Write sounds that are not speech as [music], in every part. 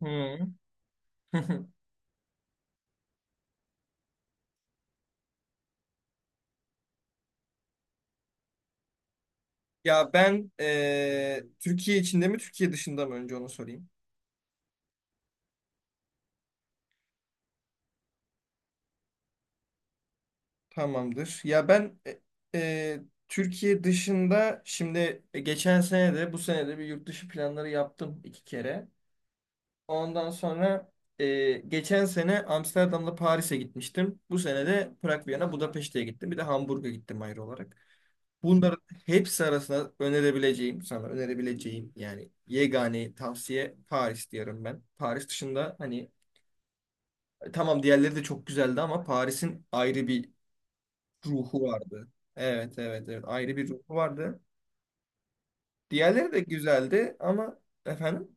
Hmm. [laughs] Ya ben Türkiye içinde mi Türkiye dışında mı önce onu sorayım. Tamamdır. Ya ben e, Türkiye dışında şimdi geçen sene de bu sene de bir yurt dışı planları yaptım iki kere. Ondan sonra geçen sene Amsterdam'da Paris'e gitmiştim. Bu sene de Prag, Viyana, Budapeşte'ye gittim. Bir de Hamburg'a gittim ayrı olarak. Bunların hepsi arasında önerebileceğim, sana önerebileceğim yani yegane tavsiye Paris diyorum ben. Paris dışında hani. Tamam, diğerleri de çok güzeldi ama Paris'in ayrı bir ruhu vardı. Evet, evet, evet, ayrı bir ruhu vardı. Diğerleri de güzeldi ama efendim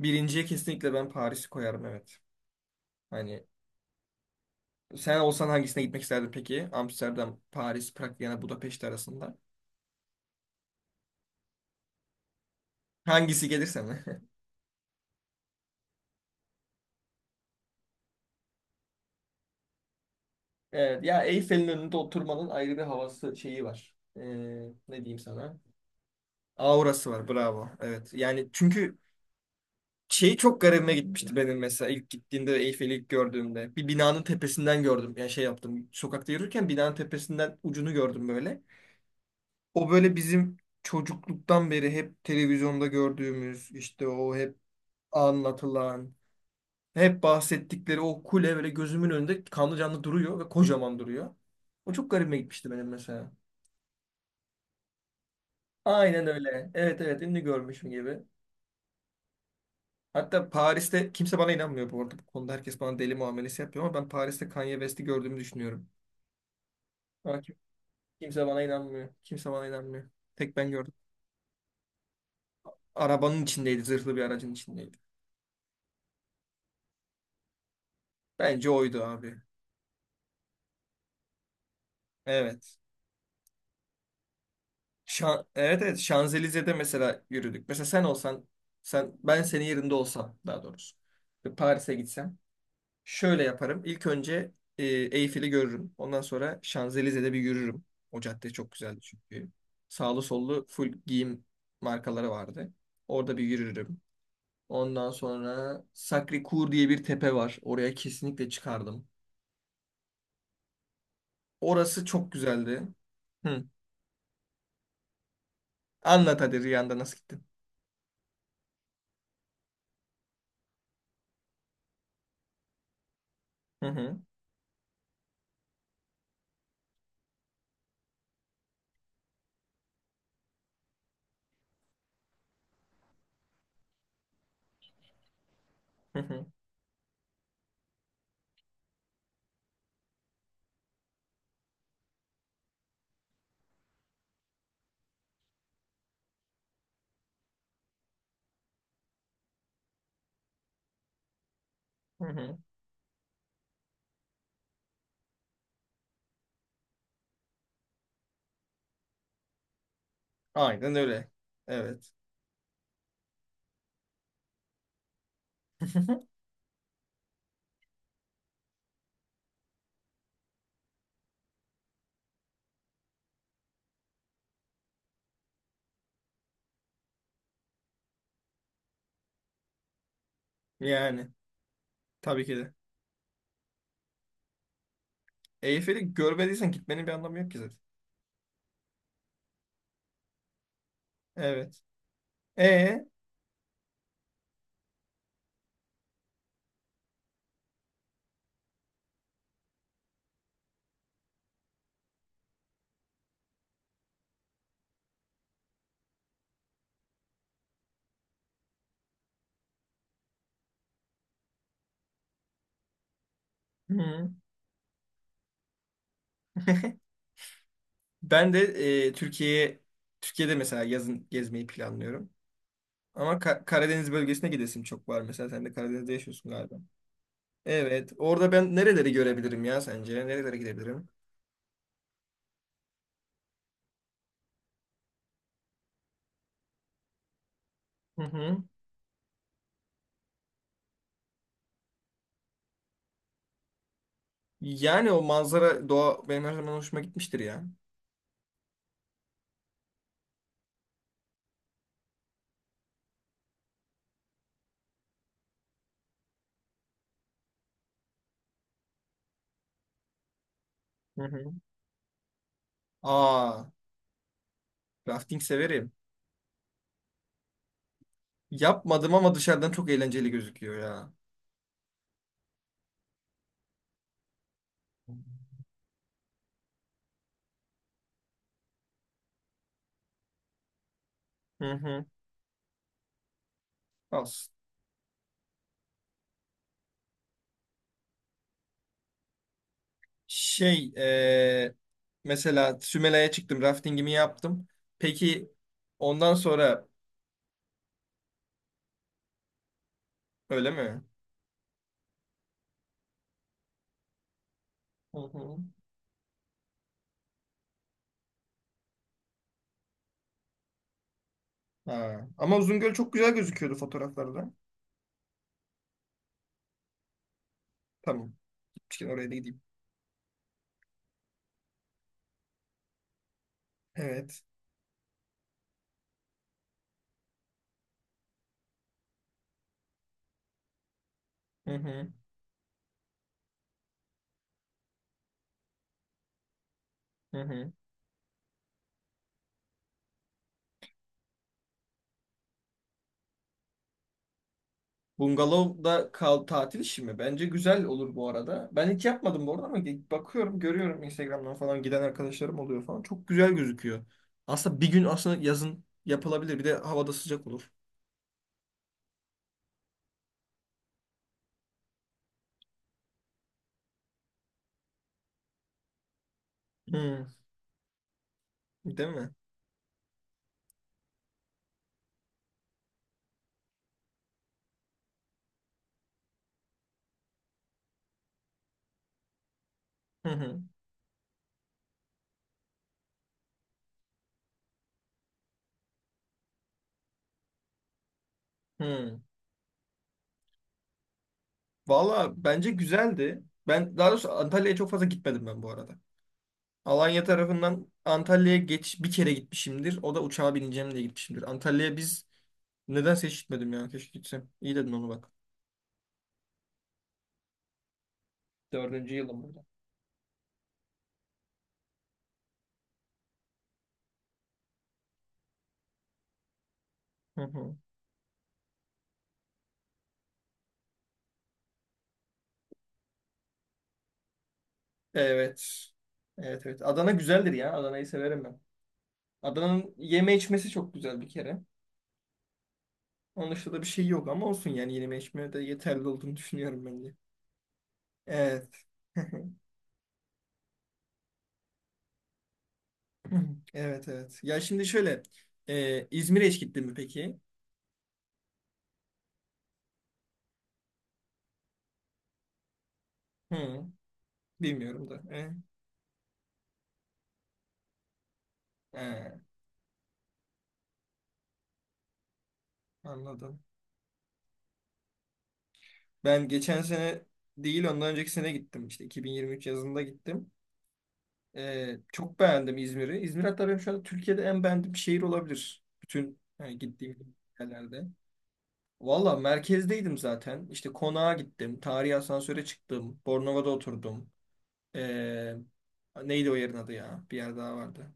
birinciye kesinlikle ben Paris'i koyarım, evet. Hani sen olsan hangisine gitmek isterdin peki? Amsterdam, Paris, Prag, Viyana, Budapeşte arasında. Hangisi gelirse mi? [laughs] Evet ya, Eyfel'in önünde oturmanın ayrı bir havası şeyi var. Ne diyeyim sana? Aurası var, bravo. Evet yani çünkü şey çok garibime gitmişti benim mesela ilk gittiğimde, Eyfel'i ilk gördüğümde. Bir binanın tepesinden gördüm. Yani şey yaptım. Sokakta yürürken binanın tepesinden ucunu gördüm böyle. O böyle bizim çocukluktan beri hep televizyonda gördüğümüz, işte o hep anlatılan, hep bahsettikleri o kule böyle gözümün önünde kanlı canlı duruyor ve kocaman duruyor. O çok garibime gitmişti benim mesela. Aynen öyle. Evet, evet, ünlü görmüşüm gibi. Hatta Paris'te kimse bana inanmıyor bu arada. Bu konuda herkes bana deli muamelesi yapıyor ama ben Paris'te Kanye West'i gördüğümü düşünüyorum. Ama kimse bana inanmıyor. Kimse bana inanmıyor. Tek ben gördüm. Arabanın içindeydi. Zırhlı bir aracın içindeydi. Bence oydu abi. Evet. Evet, evet, Şanzelize'de mesela yürüdük. Mesela sen olsan ben senin yerinde olsam daha doğrusu. Ve Paris'e gitsem. Şöyle yaparım. İlk önce Eyfel'i görürüm. Ondan sonra Şanzelize'de bir yürürüm. O cadde çok güzeldi çünkü. Sağlı sollu full giyim markaları vardı. Orada bir yürürüm. Ondan sonra Sacré-Cœur diye bir tepe var. Oraya kesinlikle çıkardım. Orası çok güzeldi. Hı. Anlat hadi, Riyan'da nasıl gittin? Hı hı, hı hı, hı hı. Aynen öyle. Evet. [laughs] Yani tabii ki de. Eyfel'i görmediysen gitmenin bir anlamı yok ki zaten. Evet. E Ben de e, Türkiye'ye Türkiye'de mesela yazın gezmeyi planlıyorum. Ama Karadeniz bölgesine gidesim çok var. Mesela sen de Karadeniz'de yaşıyorsun galiba. Evet. Orada ben nereleri görebilirim ya sence? Nerelere gidebilirim? Hı hı. Yani o manzara, doğa benim her zaman hoşuma gitmiştir ya. Hı hı. Aa, rafting severim. Yapmadım ama dışarıdan çok eğlenceli gözüküyor ya. Hı hı. Al. Şey eee, Mesela Sümela'ya çıktım, raftingimi yaptım. Peki ondan sonra öyle mi? Hı hı. Ha. Ama Uzungöl çok güzel gözüküyordu fotoğraflarda. Tamam. Gitmişken oraya da gideyim. Evet. Hı hı. Hı hı. Bungalov'da kal tatil işi mi? Bence güzel olur bu arada. Ben hiç yapmadım bu arada ama bakıyorum, görüyorum Instagram'dan falan giden arkadaşlarım oluyor falan. Çok güzel gözüküyor. Aslında bir gün aslında yazın yapılabilir. Bir de havada sıcak olur. Hı. Değil mi? Hı hı. Hmm. Valla bence güzeldi. Ben daha doğrusu Antalya'ya çok fazla gitmedim ben bu arada. Alanya tarafından Antalya'ya geç bir kere gitmişimdir. O da uçağa bineceğim diye gitmişimdir. Antalya'ya biz neden hiç gitmedim ya. Keşke gitsem. İyi dedin onu bak. Dördüncü yılım burada. Hı hı. Evet. Evet, evet. Adana güzeldir ya. Adana'yı severim ben. Adana'nın yeme içmesi çok güzel bir kere. Onun dışında da bir şey yok ama olsun yani yeme içme de yeterli olduğunu düşünüyorum bence. Evet. [laughs] Hı. Evet, evet. Ya şimdi şöyle. İzmir'e hiç gittin mi peki? Hı, bilmiyorum da. E, Anladım. Ben geçen sene değil, ondan önceki sene gittim. İşte 2023 yazında gittim. Çok beğendim İzmir'i. İzmir hatta benim şu anda Türkiye'de en beğendiğim şehir olabilir. Bütün hani gittiğim yerlerde. Valla merkezdeydim zaten. İşte konağa gittim. Tarihi asansöre çıktım. Bornova'da oturdum. E, Neydi o yerin adı ya? Bir yer daha vardı.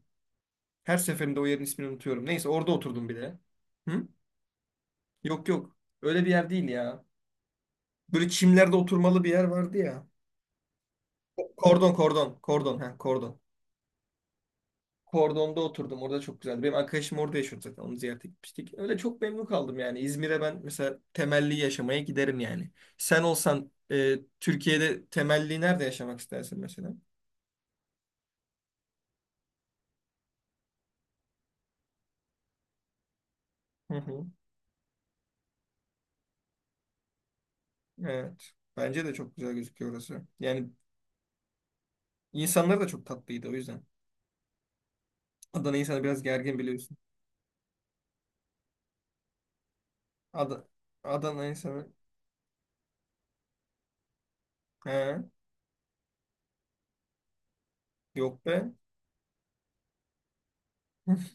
Her seferinde o yerin ismini unutuyorum. Neyse orada oturdum bir de. Hı? Yok, yok. Öyle bir yer değil ya. Böyle çimlerde oturmalı bir yer vardı ya. Kordon, kordon. Kordon. Ha, kordon. Kordon'da oturdum. Orada çok güzeldi. Benim arkadaşım orada yaşıyordu zaten. Onu ziyarete gitmiştik. Öyle çok memnun kaldım yani. İzmir'e ben mesela temelli yaşamaya giderim yani. Sen olsan Türkiye'de temelli nerede yaşamak istersin mesela? Hı hı. Evet. Bence de çok güzel gözüküyor orası. Yani insanlar da çok tatlıydı o yüzden. Adana insanı biraz gergin, biliyorsun. Ad Adana insanı. He, yok be. [laughs]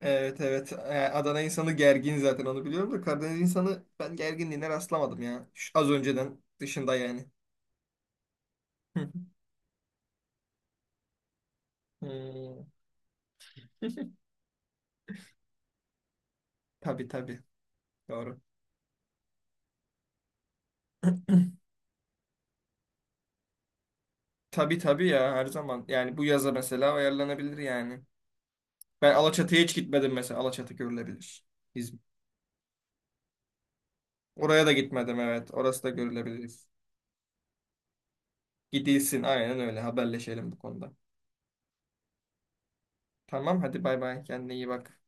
Evet, evet. Adana insanı gergin zaten onu biliyorum da Karadeniz insanı ben gerginliğine rastlamadım ya. Şu az önceden dışında yani. [laughs] Hmm. Tabii, tabii. Doğru. [clears throat] Tabii, tabii ya, her zaman. Yani bu yaza mesela ayarlanabilir yani. Ben Alaçatı'ya hiç gitmedim mesela. Alaçatı görülebilir. İzmir. Oraya da gitmedim, evet. Orası da görülebilir. Gidilsin, aynen öyle. Haberleşelim bu konuda. Tamam hadi, bay bay. Kendine iyi bak.